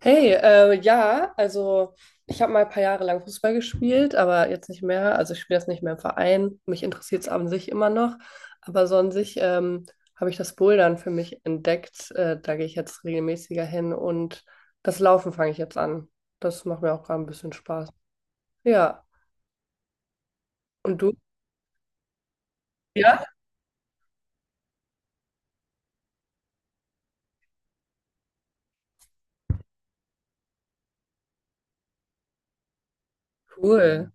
Hey, ja, also ich habe mal ein paar Jahre lang Fußball gespielt, aber jetzt nicht mehr. Also ich spiele das nicht mehr im Verein. Mich interessiert es an sich immer noch. Aber so an sich habe ich das Bouldern für mich entdeckt. Da gehe ich jetzt regelmäßiger hin und das Laufen fange ich jetzt an. Das macht mir auch gerade ein bisschen Spaß. Ja. Und du? Ja. Cool.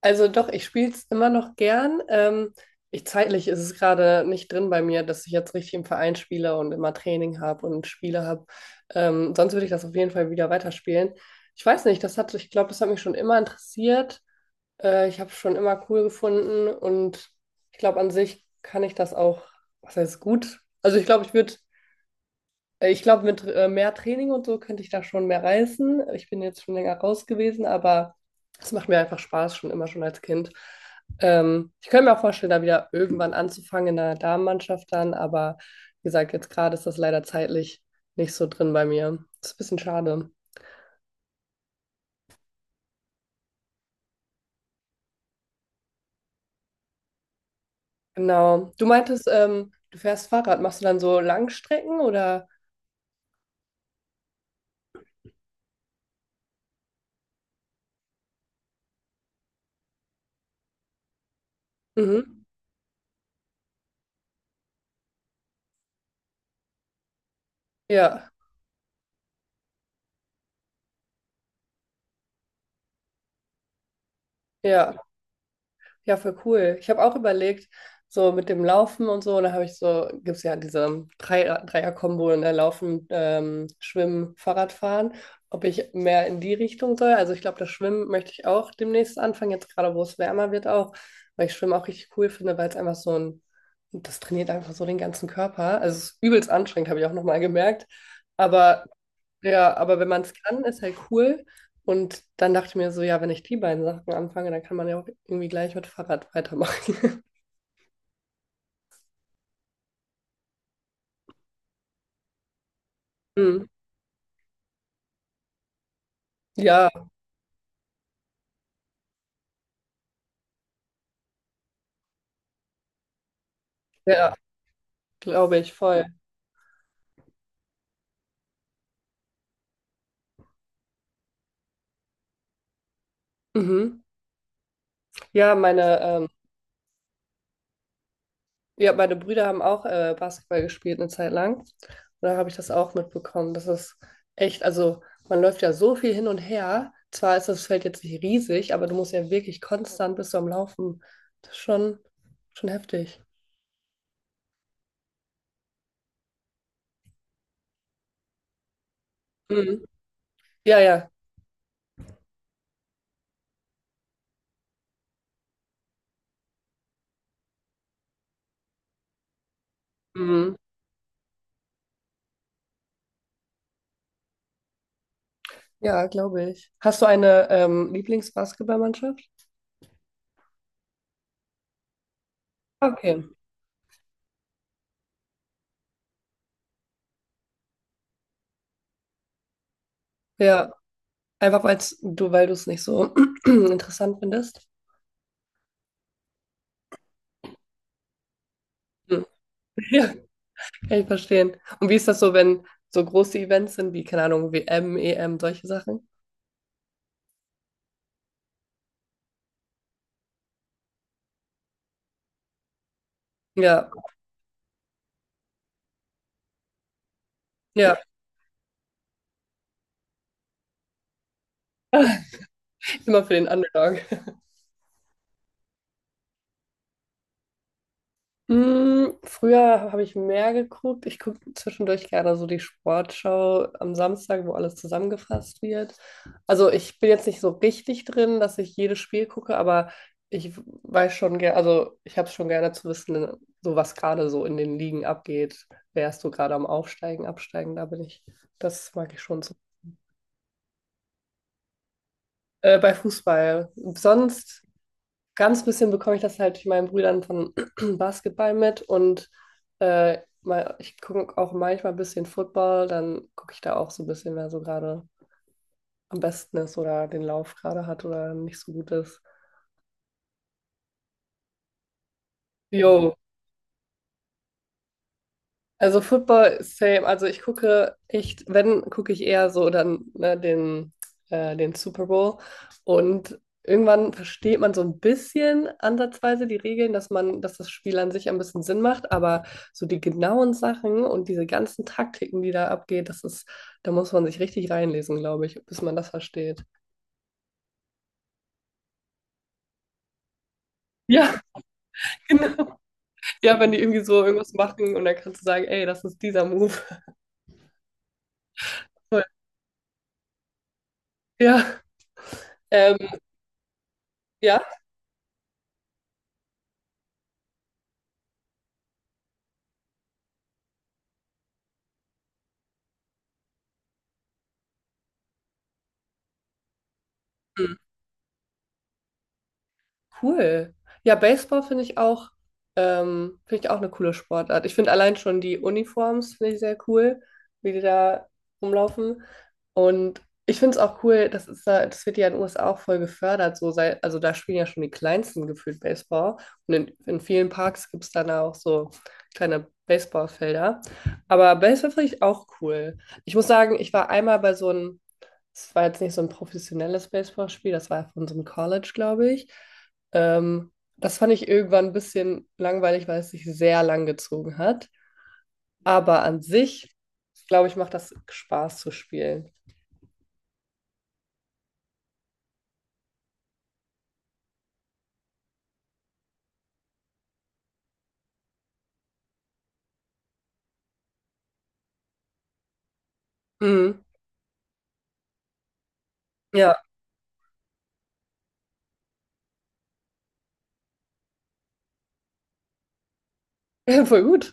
Also doch, ich spiele es immer noch gern. Zeitlich ist es gerade nicht drin bei mir, dass ich jetzt richtig im Verein spiele und immer Training habe und Spiele habe. Sonst würde ich das auf jeden Fall wieder weiterspielen. Ich weiß nicht, das hat, Ich glaube, das hat mich schon immer interessiert. Ich habe es schon immer cool gefunden und ich glaube, an sich kann ich das auch, was heißt gut? Also ich glaube, ich würde mit mehr Training und so könnte ich da schon mehr reißen. Ich bin jetzt schon länger raus gewesen, aber es macht mir einfach Spaß, schon immer schon als Kind. Ich könnte mir auch vorstellen, da wieder irgendwann anzufangen in der Damenmannschaft dann, aber wie gesagt, jetzt gerade ist das leider zeitlich nicht so drin bei mir. Ist ein bisschen schade. Genau. Du meintest, du fährst Fahrrad. Machst du dann so Langstrecken oder? Mhm. Ja, ja. Ja, voll cool. Ich habe auch überlegt, so mit dem Laufen und so, und da habe ich so, gibt es ja diese Dreier-Kombo, ne, Laufen, Schwimmen, Fahrradfahren, ob ich mehr in die Richtung soll. Also ich glaube, das Schwimmen möchte ich auch demnächst anfangen, jetzt gerade wo es wärmer wird auch, weil ich Schwimmen auch richtig cool finde, weil es einfach so ein, das trainiert einfach so den ganzen Körper. Also es ist übelst anstrengend, habe ich auch nochmal gemerkt. Aber ja, aber wenn man es kann, ist halt cool. Und dann dachte ich mir so, ja, wenn ich die beiden Sachen anfange, dann kann man ja auch irgendwie gleich mit Fahrrad weitermachen. Hm. Ja, ja, glaube ich, voll. Mhm. Ja, meine, ähm, ja, meine Brüder haben auch Basketball gespielt eine Zeit lang. Und da habe ich das auch mitbekommen. Das ist echt, also man läuft ja so viel hin und her. Zwar ist das Feld jetzt nicht riesig, aber du musst ja wirklich konstant bist du am Laufen. Das ist schon heftig. Mhm. Ja, ja. Mhm. Ja, glaube ich. Hast du eine Lieblingsbasketballmannschaft? Okay. Ja, einfach weil du es nicht so interessant findest. Hm. Ja, kann ich verstehen. Und wie ist das so, wenn so große Events sind, wie, keine Ahnung, WM, EM, solche Sachen? Ja, ja, immer für den Underdog. Mm, früher habe ich mehr geguckt. Ich gucke zwischendurch gerne so die Sportschau am Samstag, wo alles zusammengefasst wird. Also ich bin jetzt nicht so richtig drin, dass ich jedes Spiel gucke, aber ich weiß schon gerne, also ich habe es schon gerne zu wissen, so was gerade so in den Ligen abgeht. Wer ist so gerade am Aufsteigen, Absteigen, da bin ich. Das mag ich schon so. Bei Fußball. Sonst ganz bisschen bekomme ich das halt durch meinen Brüdern von Basketball mit und ich gucke auch manchmal ein bisschen Football, dann gucke ich da auch so ein bisschen, wer so gerade am besten ist oder den Lauf gerade hat oder nicht so gut ist. Jo, also Football, same. Also ich gucke echt, wenn, gucke ich eher so dann ne, den Super Bowl. Und irgendwann versteht man so ein bisschen ansatzweise die Regeln, dass man, dass das Spiel an sich ein bisschen Sinn macht. Aber so die genauen Sachen und diese ganzen Taktiken, die da abgeht, das ist, da muss man sich richtig reinlesen, glaube ich, bis man das versteht. Ja, genau. Ja, wenn die irgendwie so irgendwas machen und dann kannst du sagen, ey, das ist dieser Move. Ja. Ähm, ja. Cool. Ja, Baseball finde ich auch eine coole Sportart. Ich finde allein schon die Uniforms finde ich sehr cool, wie die da rumlaufen. Und ich finde es auch cool, das ist da, das wird ja in den USA auch voll gefördert. So sei, also da spielen ja schon die Kleinsten gefühlt Baseball. Und in vielen Parks gibt es dann auch so kleine Baseballfelder. Aber Baseball finde ich auch cool. Ich muss sagen, ich war einmal bei so einem, es war jetzt nicht so ein professionelles Baseballspiel, das war von so einem College, glaube ich. Ähm, Das fand ich irgendwann ein bisschen langweilig, weil es sich sehr lang gezogen hat. Aber an sich, glaube ich, macht das Spaß zu spielen. Mhm. Ja, voll gut.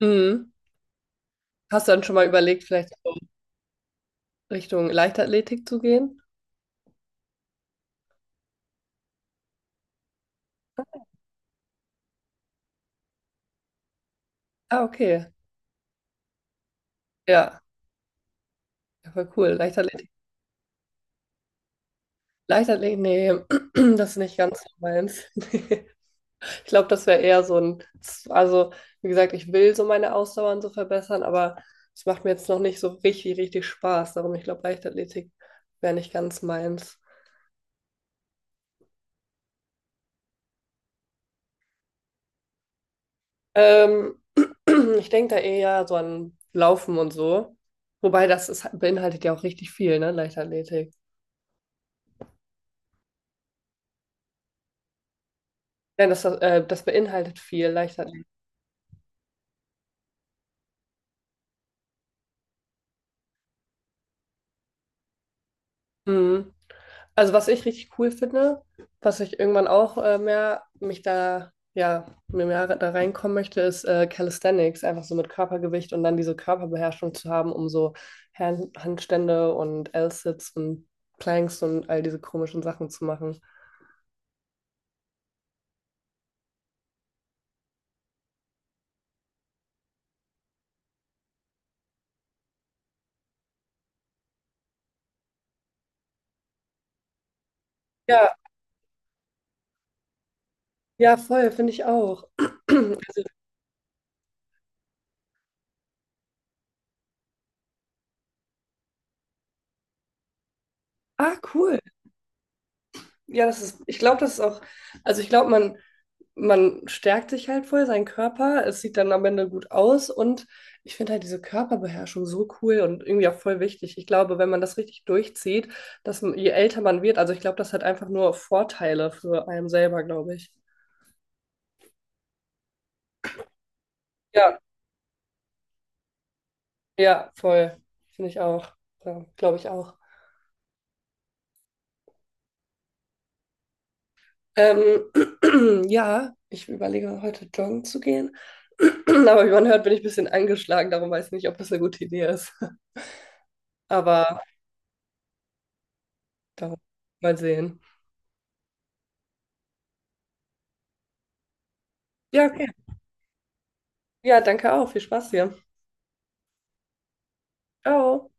Mhm. Hast du dann schon mal überlegt, vielleicht so Richtung Leichtathletik zu gehen? Ah, okay. Ja, ja, voll cool. Leichtathletik, nee, das ist nicht ganz so meins. Nee. Ich glaube, das wäre eher so ein, also wie gesagt, ich will so meine Ausdauer und so verbessern, aber es macht mir jetzt noch nicht so richtig Spaß. Darum, ich glaube, Leichtathletik wäre nicht ganz meins. Ähm, Ich denke da eher so an Laufen und so. Wobei das ist, beinhaltet ja auch richtig viel, ne, Leichtathletik. Das beinhaltet viel. Mhm. Also was ich richtig cool finde, was ich irgendwann auch mehr mich da, ja, mir mehr da reinkommen möchte, ist Calisthenics, einfach so mit Körpergewicht und dann diese Körperbeherrschung zu haben, um so Handstände und L-Sits und Planks und all diese komischen Sachen zu machen. Ja, ja, voll, finde ich auch. Also, ah, cool. Ja, das ist, ich glaube, das ist auch, also ich glaube, man stärkt sich halt voll, seinen Körper, es sieht dann am Ende gut aus und ich finde halt diese Körperbeherrschung so cool und irgendwie auch voll wichtig. Ich glaube, wenn man das richtig durchzieht, dass man- je älter man wird, also ich glaube, das hat einfach nur Vorteile für einen selber, glaube ich. Ja, ja, voll. Finde ich auch. Ja, glaube ich auch. Ähm, ja, ich überlege heute joggen zu gehen. Aber wie man hört, bin ich ein bisschen angeschlagen, darum weiß ich nicht, ob das eine gute Idee ist. Aber darum mal sehen. Ja, okay. Ja, danke auch. Viel Spaß hier. Ciao.